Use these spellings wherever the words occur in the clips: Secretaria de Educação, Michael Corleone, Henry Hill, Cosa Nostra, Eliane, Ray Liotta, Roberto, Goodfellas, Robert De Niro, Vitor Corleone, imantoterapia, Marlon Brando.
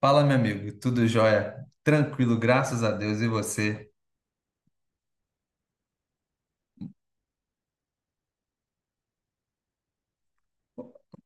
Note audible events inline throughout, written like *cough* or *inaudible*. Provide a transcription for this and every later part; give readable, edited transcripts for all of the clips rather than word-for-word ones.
Fala, meu amigo, tudo jóia? Tranquilo, graças a Deus, e você?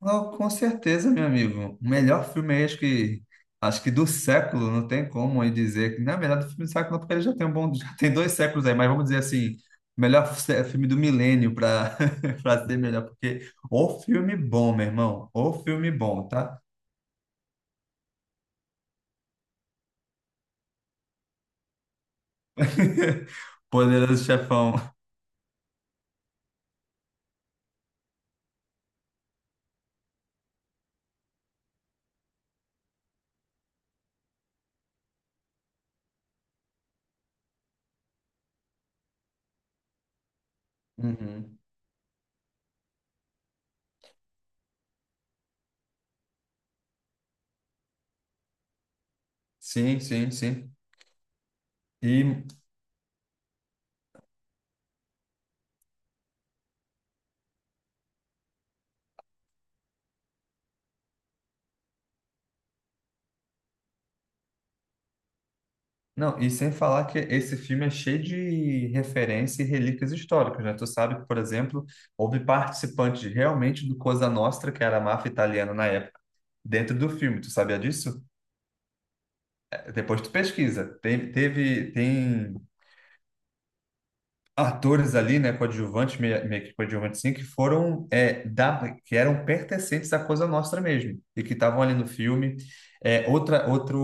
Oh, com certeza, meu amigo. O melhor filme aí, acho que do século. Não tem como aí dizer que, na verdade, o filme do século, não, porque ele já tem um bom, já tem dois séculos aí, mas vamos dizer assim, o melhor filme do milênio, para *laughs* para ser melhor, porque o filme bom, meu irmão, o filme bom, tá? *laughs* Poderoso Chefão. Uhum. Sim, sim, sim. E não, e sem falar que esse filme é cheio de referência e relíquias históricas, né? Tu sabe que, por exemplo, houve participantes realmente do Cosa Nostra, que era a máfia italiana na época, dentro do filme. Tu sabia disso? Depois tu pesquisa. Tem atores ali, né, coadjuvantes, meio que coadjuvantes sim, que foram, da, que eram pertencentes à Coisa Nostra mesmo, e que estavam ali no filme. É, outra, outro,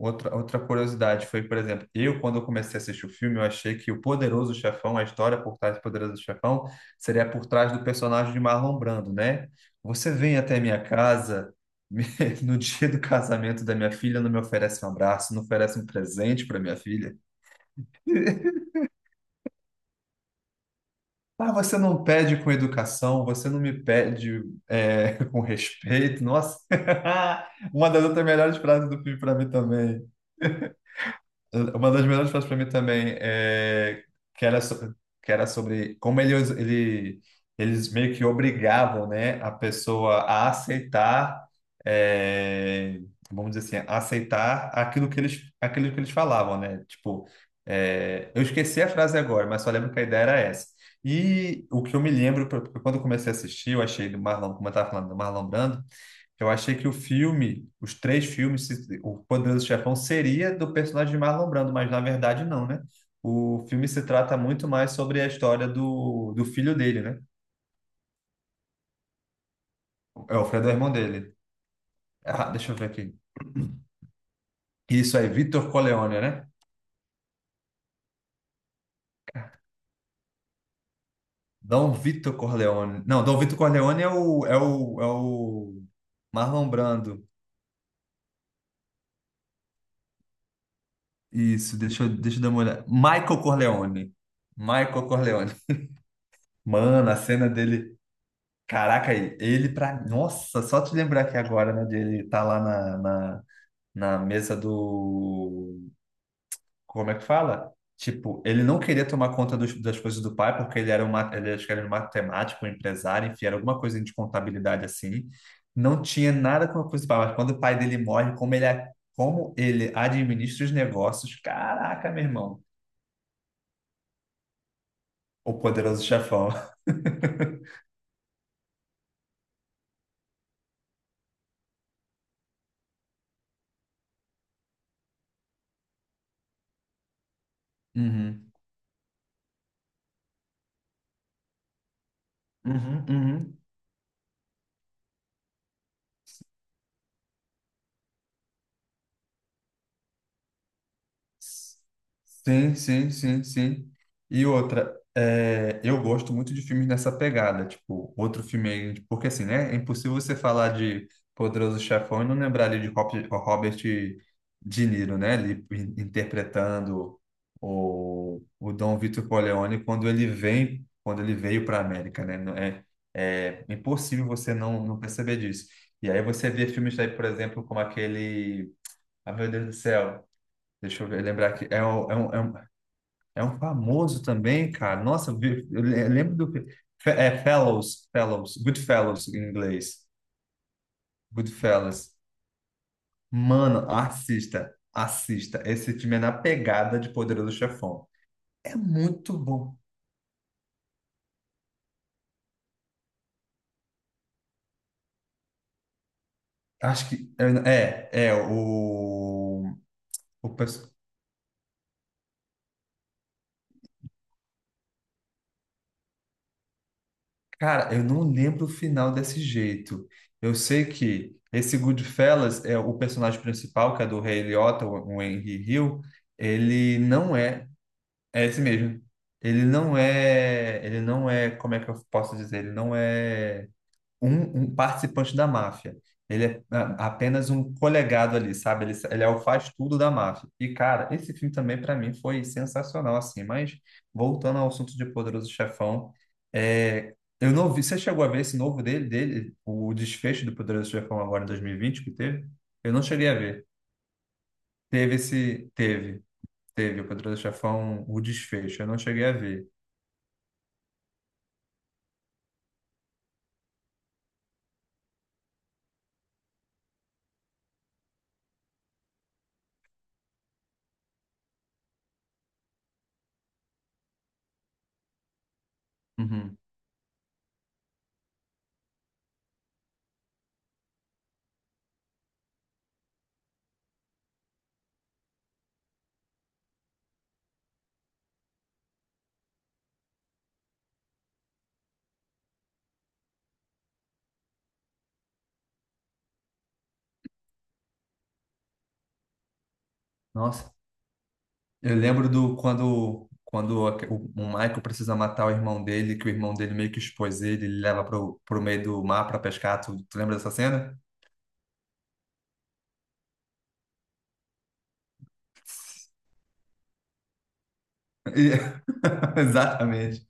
outra curiosidade foi, por exemplo, eu, quando eu comecei a assistir o filme, eu achei que o Poderoso Chefão, a história por trás do Poderoso Chefão, seria por trás do personagem de Marlon Brando, né? Você vem até minha casa... me- *laughs* No dia do casamento da minha filha, não me oferece um abraço, não oferece um presente para minha filha. *laughs* Ah, você não pede com educação, você não me pede *laughs* com respeito. Nossa, *laughs* uma das outras melhores frases do filme para mim também. Uma das melhores frases para mim também é que era sobre, que era sobre como eles meio que obrigavam, né, a pessoa a aceitar, é, vamos dizer assim, aceitar aquilo que eles falavam, né? Tipo, eu esqueci a frase agora, mas só lembro que a ideia era essa. E o que eu me lembro, quando eu comecei a assistir, eu achei do Marlon, como eu estava falando, do Marlon Brando, eu achei que o filme, os três filmes, o Poderoso Chefão seria do personagem de Marlon Brando, mas na verdade não, né? O filme se trata muito mais sobre a história do, do filho dele, né? É o Alfredo, é o irmão dele. Ah, deixa eu ver aqui. Isso aí, Vitor Corleone, né? Dom Vitor Corleone. Não, Dom Vitor Corleone é é o Marlon Brando. Isso, deixa eu dar uma olhada. Michael Corleone. Michael Corleone. Mano, a cena dele. Caraca, ele pra. Nossa, só te lembrar aqui agora, né? De ele tá lá na mesa do. Como é que fala? Tipo, ele não queria tomar conta das coisas do pai, porque ele era um, acho que era um matemático, um empresário, enfim, era alguma coisa de contabilidade assim. Não tinha nada com a coisa do pai, mas quando o pai dele morre, como ele administra os negócios, caraca, meu irmão, o poderoso chefão. *laughs* Uhum, uhum, uhum. Sim, sim, sim, sim. E outra, eu gosto muito de filmes nessa pegada, tipo, outro filme aí, porque assim, né, é impossível você falar de Poderoso Chefão e não lembrar ali de Robert De Niro, né, ali interpretando o Dom Vito Corleone quando ele vem, quando ele veio para a América, né, não é, é impossível você não, não perceber disso. E aí você vê filmes aí, por exemplo, como aquele, ah, meu Deus do céu, deixa eu ver, lembrar aqui. Um, é um famoso também, cara. Nossa, eu vi- eu le- eu lembro do. Goodfellas em inglês. Goodfellas. Mano, assista, assista. Esse time é na pegada de Poderoso Chefão. É muito bom. Acho que. O. o pers- Cara, eu não lembro o final desse jeito. Eu sei que esse Goodfellas é o personagem principal, que é do Ray Liotta, o Henry Hill, ele não é, é esse mesmo. Ele não é, como é que eu posso dizer? Ele não é um participante da máfia. Ele é apenas um colegado ali, sabe? Ele é o faz-tudo da máfia. E, cara, esse filme também, para mim, foi sensacional, assim. Mas, voltando ao assunto de Poderoso Chefão, eu não vi... Você chegou a ver esse novo dele, o desfecho do Poderoso Chefão agora em 2020 que teve? Eu não cheguei a ver. Teve esse... Teve. Teve o Poderoso Chefão, o desfecho. Eu não cheguei a ver. Uhum. Nossa, eu lembro do quando, o Michael precisa matar o irmão dele, que o irmão dele meio que expôs ele, ele leva pro, pro meio do mar para pescar. Tu lembra dessa cena? E- *laughs* Exatamente.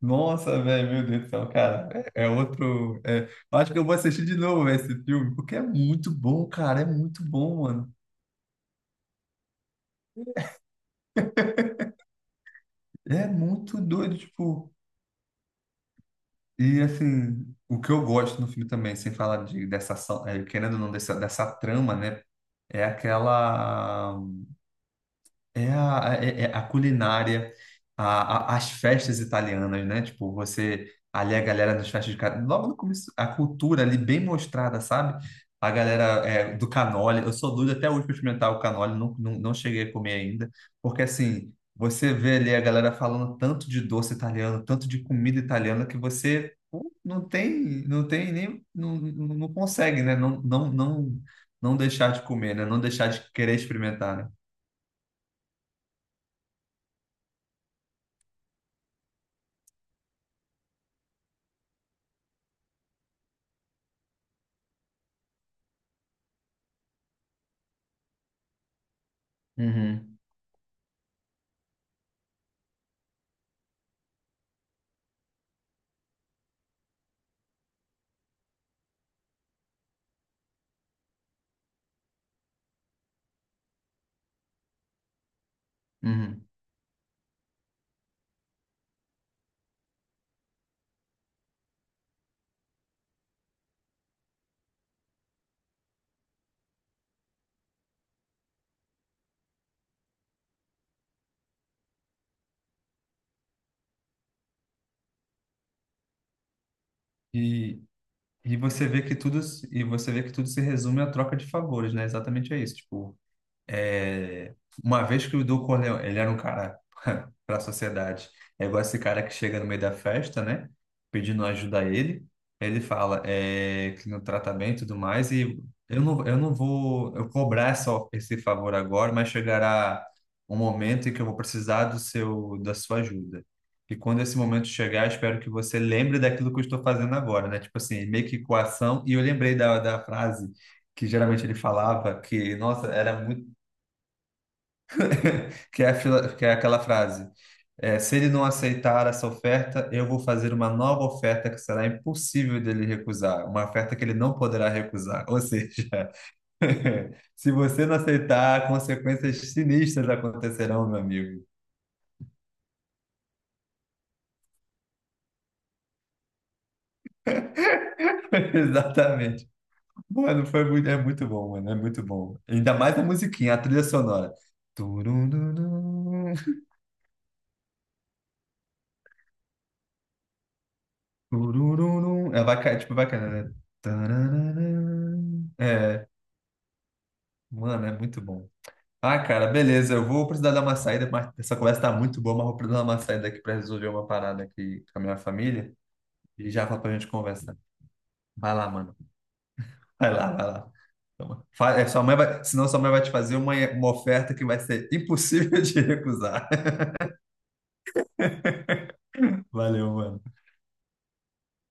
Nossa, velho, meu Deus do céu, cara. Eu acho que eu vou assistir de novo véio, esse filme, porque é muito bom, cara. É muito bom, mano. É muito doido, tipo. E assim, o que eu gosto no filme também, sem falar de, dessa ação, é, querendo ou não, dessa, dessa trama, né? É aquela. É a culinária, as festas italianas, né? Tipo, você ali a galera nas festas logo no começo, a cultura ali bem mostrada, sabe? A galera do canole, eu sou doido até hoje para experimentar o canole, não, não, não cheguei a comer ainda, porque assim, você vê ali a galera falando tanto de doce italiano, tanto de comida italiana, que você pô, não tem, não tem nem, não, não consegue, né? Não, não, não, não deixar de comer, né? Não deixar de querer experimentar, né? Uhum. Uhum. E, e você vê que tudo se resume à troca de favores, né? Exatamente é isso. Tipo, É, uma vez que o Du Corleone, ele era um cara *laughs* para a sociedade, é igual esse cara que chega no meio da festa, né? Pedindo ajuda a ele. Ele fala que no tratamento e tudo mais, e eu não vou eu cobrar essa, esse favor agora, mas chegará um momento em que eu vou precisar do seu, da sua ajuda. E quando esse momento chegar, espero que você lembre daquilo que eu estou fazendo agora, né? Tipo assim, meio que coação. E eu lembrei da frase que geralmente ele falava, que, nossa, era muito que é, que é aquela frase: é, se ele não aceitar essa oferta, eu vou fazer uma nova oferta que será impossível dele recusar, uma oferta que ele não poderá recusar. Ou seja, *laughs* se você não aceitar, consequências sinistras acontecerão, meu amigo. *laughs* Exatamente. Mano, foi muito, é muito bom, mano, é muito bom. Ainda mais a musiquinha, a trilha sonora. Turururum, turururum. É, vai, tipo, vai caindo, né? Tararara. É, mano, é muito bom. Ah, cara, beleza. Eu vou precisar dar uma saída, mas essa conversa tá muito boa, mas vou precisar dar uma saída aqui para resolver uma parada aqui com a minha família e já volto pra gente conversar. Vai lá, mano. Vai lá, vai lá. Toma. Sua mãe vai, senão sua mãe vai te fazer uma oferta que vai ser impossível *laughs* de recusar. Valeu, mano.